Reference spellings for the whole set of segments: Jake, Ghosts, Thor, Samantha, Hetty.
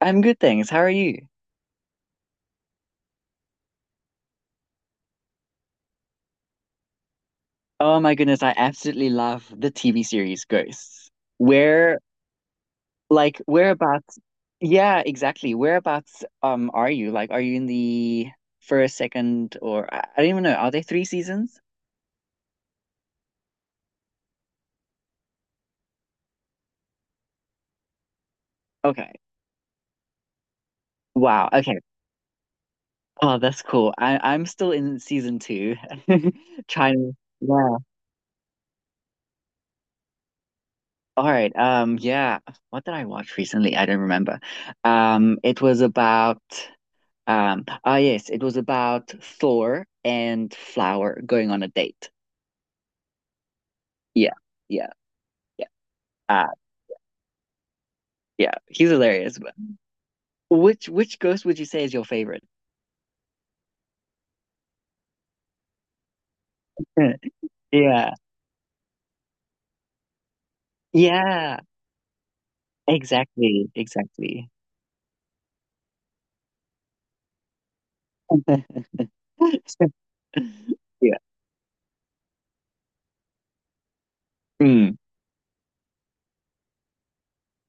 I'm good, thanks. How are you? Oh my goodness, I absolutely love the TV series Ghosts. Where, like, whereabouts? Yeah, exactly. Whereabouts are you? Like, are you in the first, second, or I don't even know. Are there three seasons? Okay. Wow. Okay. Oh, that's cool. I'm still in season two, trying. Yeah. All right. Yeah. What did I watch recently? I don't remember. It was about. Ah, Yes, it was about Thor and Flower going on a date. Yeah, yeah, yeah. Uh, yeah, he's hilarious. But which ghost would you say is your favorite? Yeah, yeah, exactly. Yeah, mm,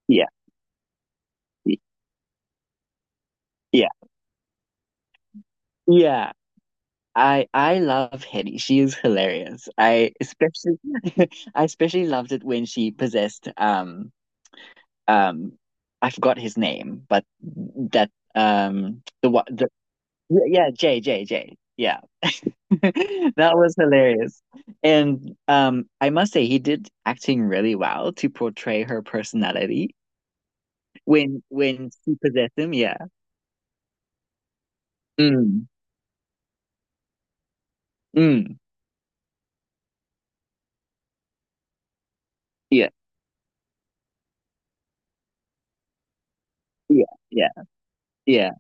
yeah, y- yeah, yeah. I love Hetty. She is hilarious. I especially I especially loved it when she possessed um I forgot his name, but that the what the yeah, Jay, yeah. That was hilarious, and I must say he did acting really well to portray her personality when she possessed him, yeah. Mm, mm, yeah, yeah, yeah, yeah,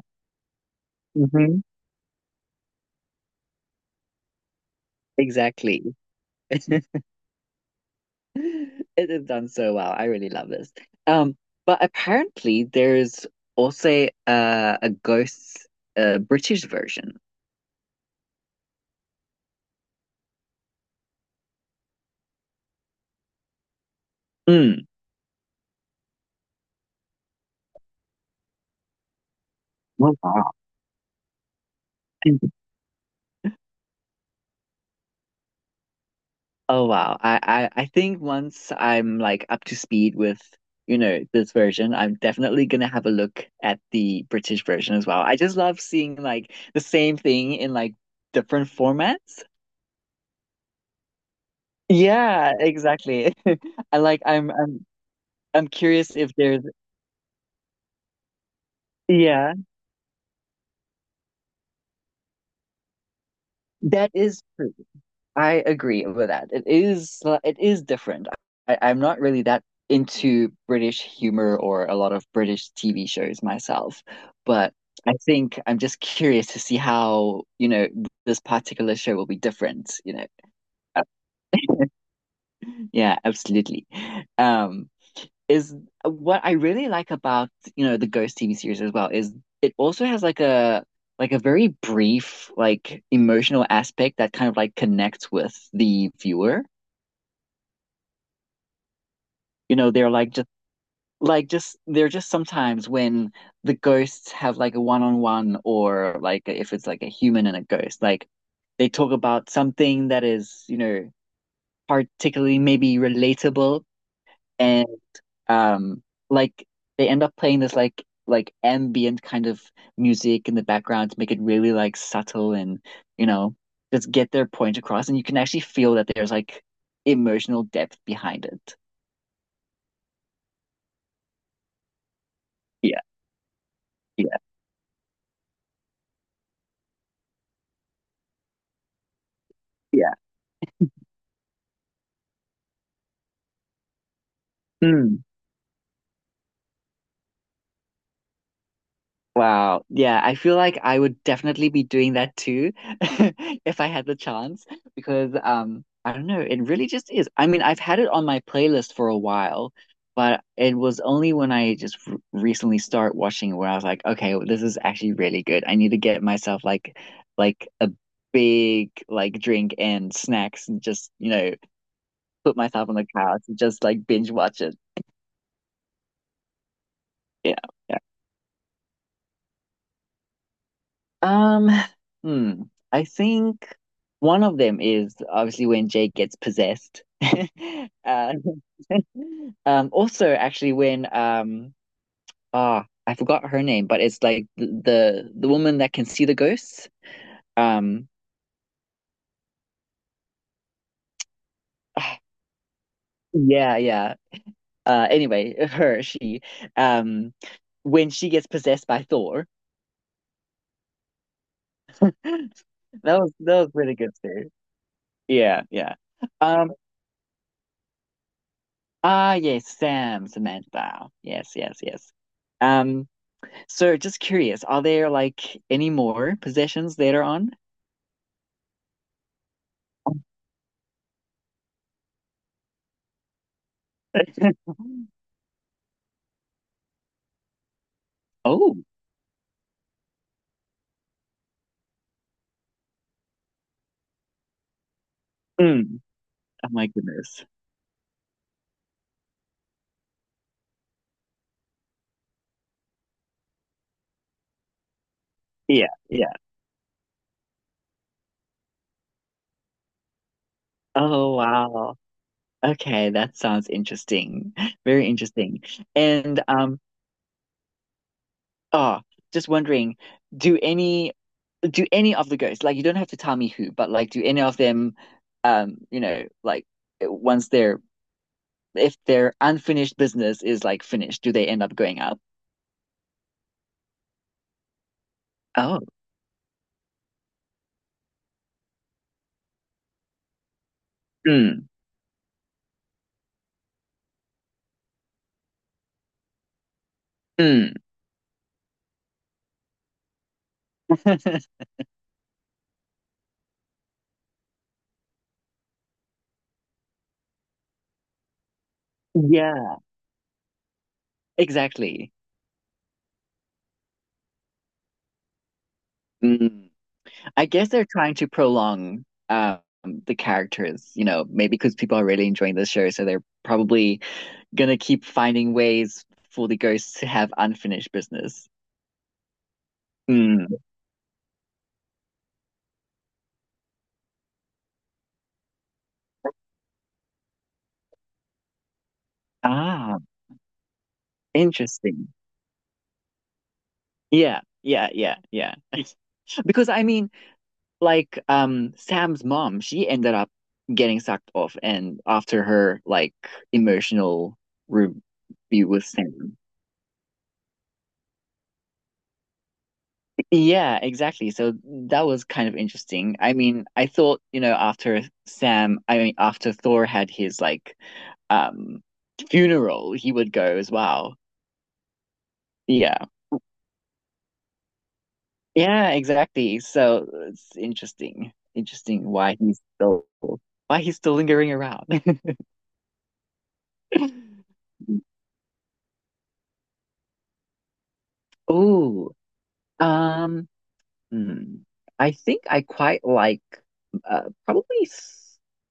hmm, exactly. It is done so well. I really love this. Um, but apparently there's also a ghost British version. Mm. Oh, wow. Oh wow. I think once I'm like up to speed with, you know, this version, I'm definitely gonna have a look at the British version as well. I just love seeing like the same thing in like different formats. Yeah, exactly. I like I'm curious if there's yeah. That is true. I agree with that. It is it is different. I'm not really that into British humor or a lot of British TV shows myself, but I think I'm just curious to see how, you know, this particular show will be different, you know. Uh, Yeah, absolutely. Um, is What I really like about, you know, the Ghost TV series as well is it also has like a very brief like emotional aspect that kind of like connects with the viewer. You know, they're like just they're just sometimes when the ghosts have like a one-on-one or like if it's like a human and a ghost, like they talk about something that is, you know, particularly maybe relatable and. Um, like they end up playing this like ambient kind of music in the background to make it really like subtle and you know just get their point across, and you can actually feel that there's like emotional depth behind it. Yeah, yeah, yeah. Hmm. Wow. Yeah, I feel like I would definitely be doing that too if I had the chance because I don't know, it really just is. I mean, I've had it on my playlist for a while, but it was only when I just r recently start watching where I was like, okay, well, this is actually really good. I need to get myself like a big like drink and snacks and just, you know, put myself on the couch and just like binge watch it. Yeah. Um, hmm. I think one of them is obviously when Jake gets possessed. Uh, Also actually when I forgot her name, but it's like the woman that can see the ghosts. Um, ah, Yeah, yeah. Anyway, she, um, when she gets possessed by Thor, that that was really good too. Yeah, yeah. Um, Ah, yes, Sam, Samantha. Yes, yes, yes. Um, so just curious, are there like any more possessions later on? Mhm. Oh, mm, oh my goodness. Yeah, yeah. Oh, wow. Okay, that sounds interesting. Very interesting. And oh, just wondering, do any do any of the ghosts, like you don't have to tell me who, but like do any of them you know, like once they're if their unfinished business is like finished, do they end up going up? Oh, mm, mm. Yeah, exactly. Mm, I guess they're trying to prolong the characters, you know, maybe because people are really enjoying the show, so they're probably gonna keep finding ways for the ghosts to have unfinished business. Mm. Ah, interesting. Yeah, yeah, yeah, yeah. Because I mean, like Sam's mom, she ended up getting sucked off and after her like emotional review with Sam. Yeah, exactly. So that was kind of interesting. I mean, I thought, you know, after Sam, I mean, after Thor had his like um funeral, he would go as well. Yeah. Yeah, exactly. So it's interesting. Interesting why he's still lingering around. Oh, Um, hmm, I think I quite like probably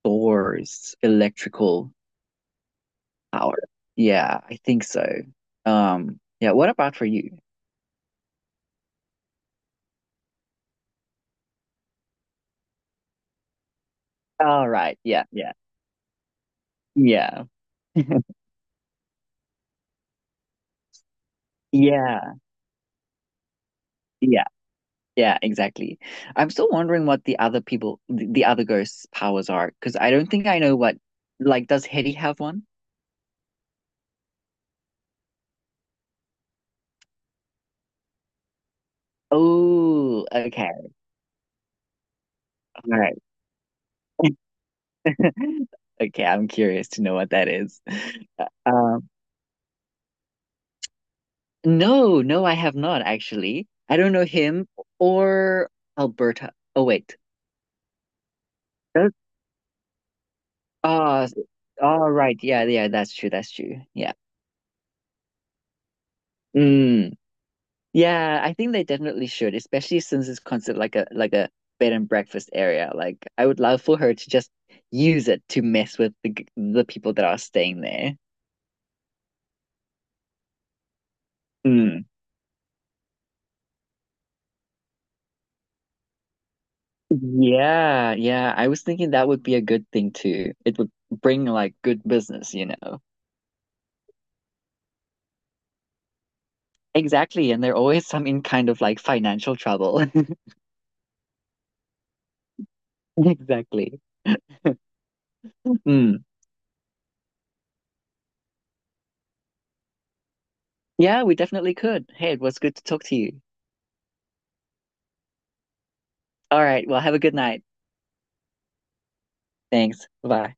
Thor's electrical power. Yeah, I think so. Yeah, what about for you? All right. Yeah, yeah, yeah. Yeah, yeah, yeah, exactly. I'm still wondering what the other people, the other ghosts' powers are, because I don't think I know what. Like, does Hetty have one? Oh, okay, all right. Okay, I'm curious to know what that is. Um, No, no, I have not actually. I don't know him or Alberta. Oh wait. That, ah, s- all right. Yeah, yeah, that's true. That's true. Yeah. Mm. Yeah, I think they definitely should, especially since it's considered like a bed and breakfast area. Like I would love for her to just use it to mess with the the people that are staying there. Mm. Yeah, yeah. I was thinking that would be a good thing too. It would bring like good business, you know. Exactly. And they're always some in kind of like financial trouble. Exactly. Mm. Yeah, we definitely could. Hey, it was good to talk to you. All right. Well, have a good night. Thanks. Bye.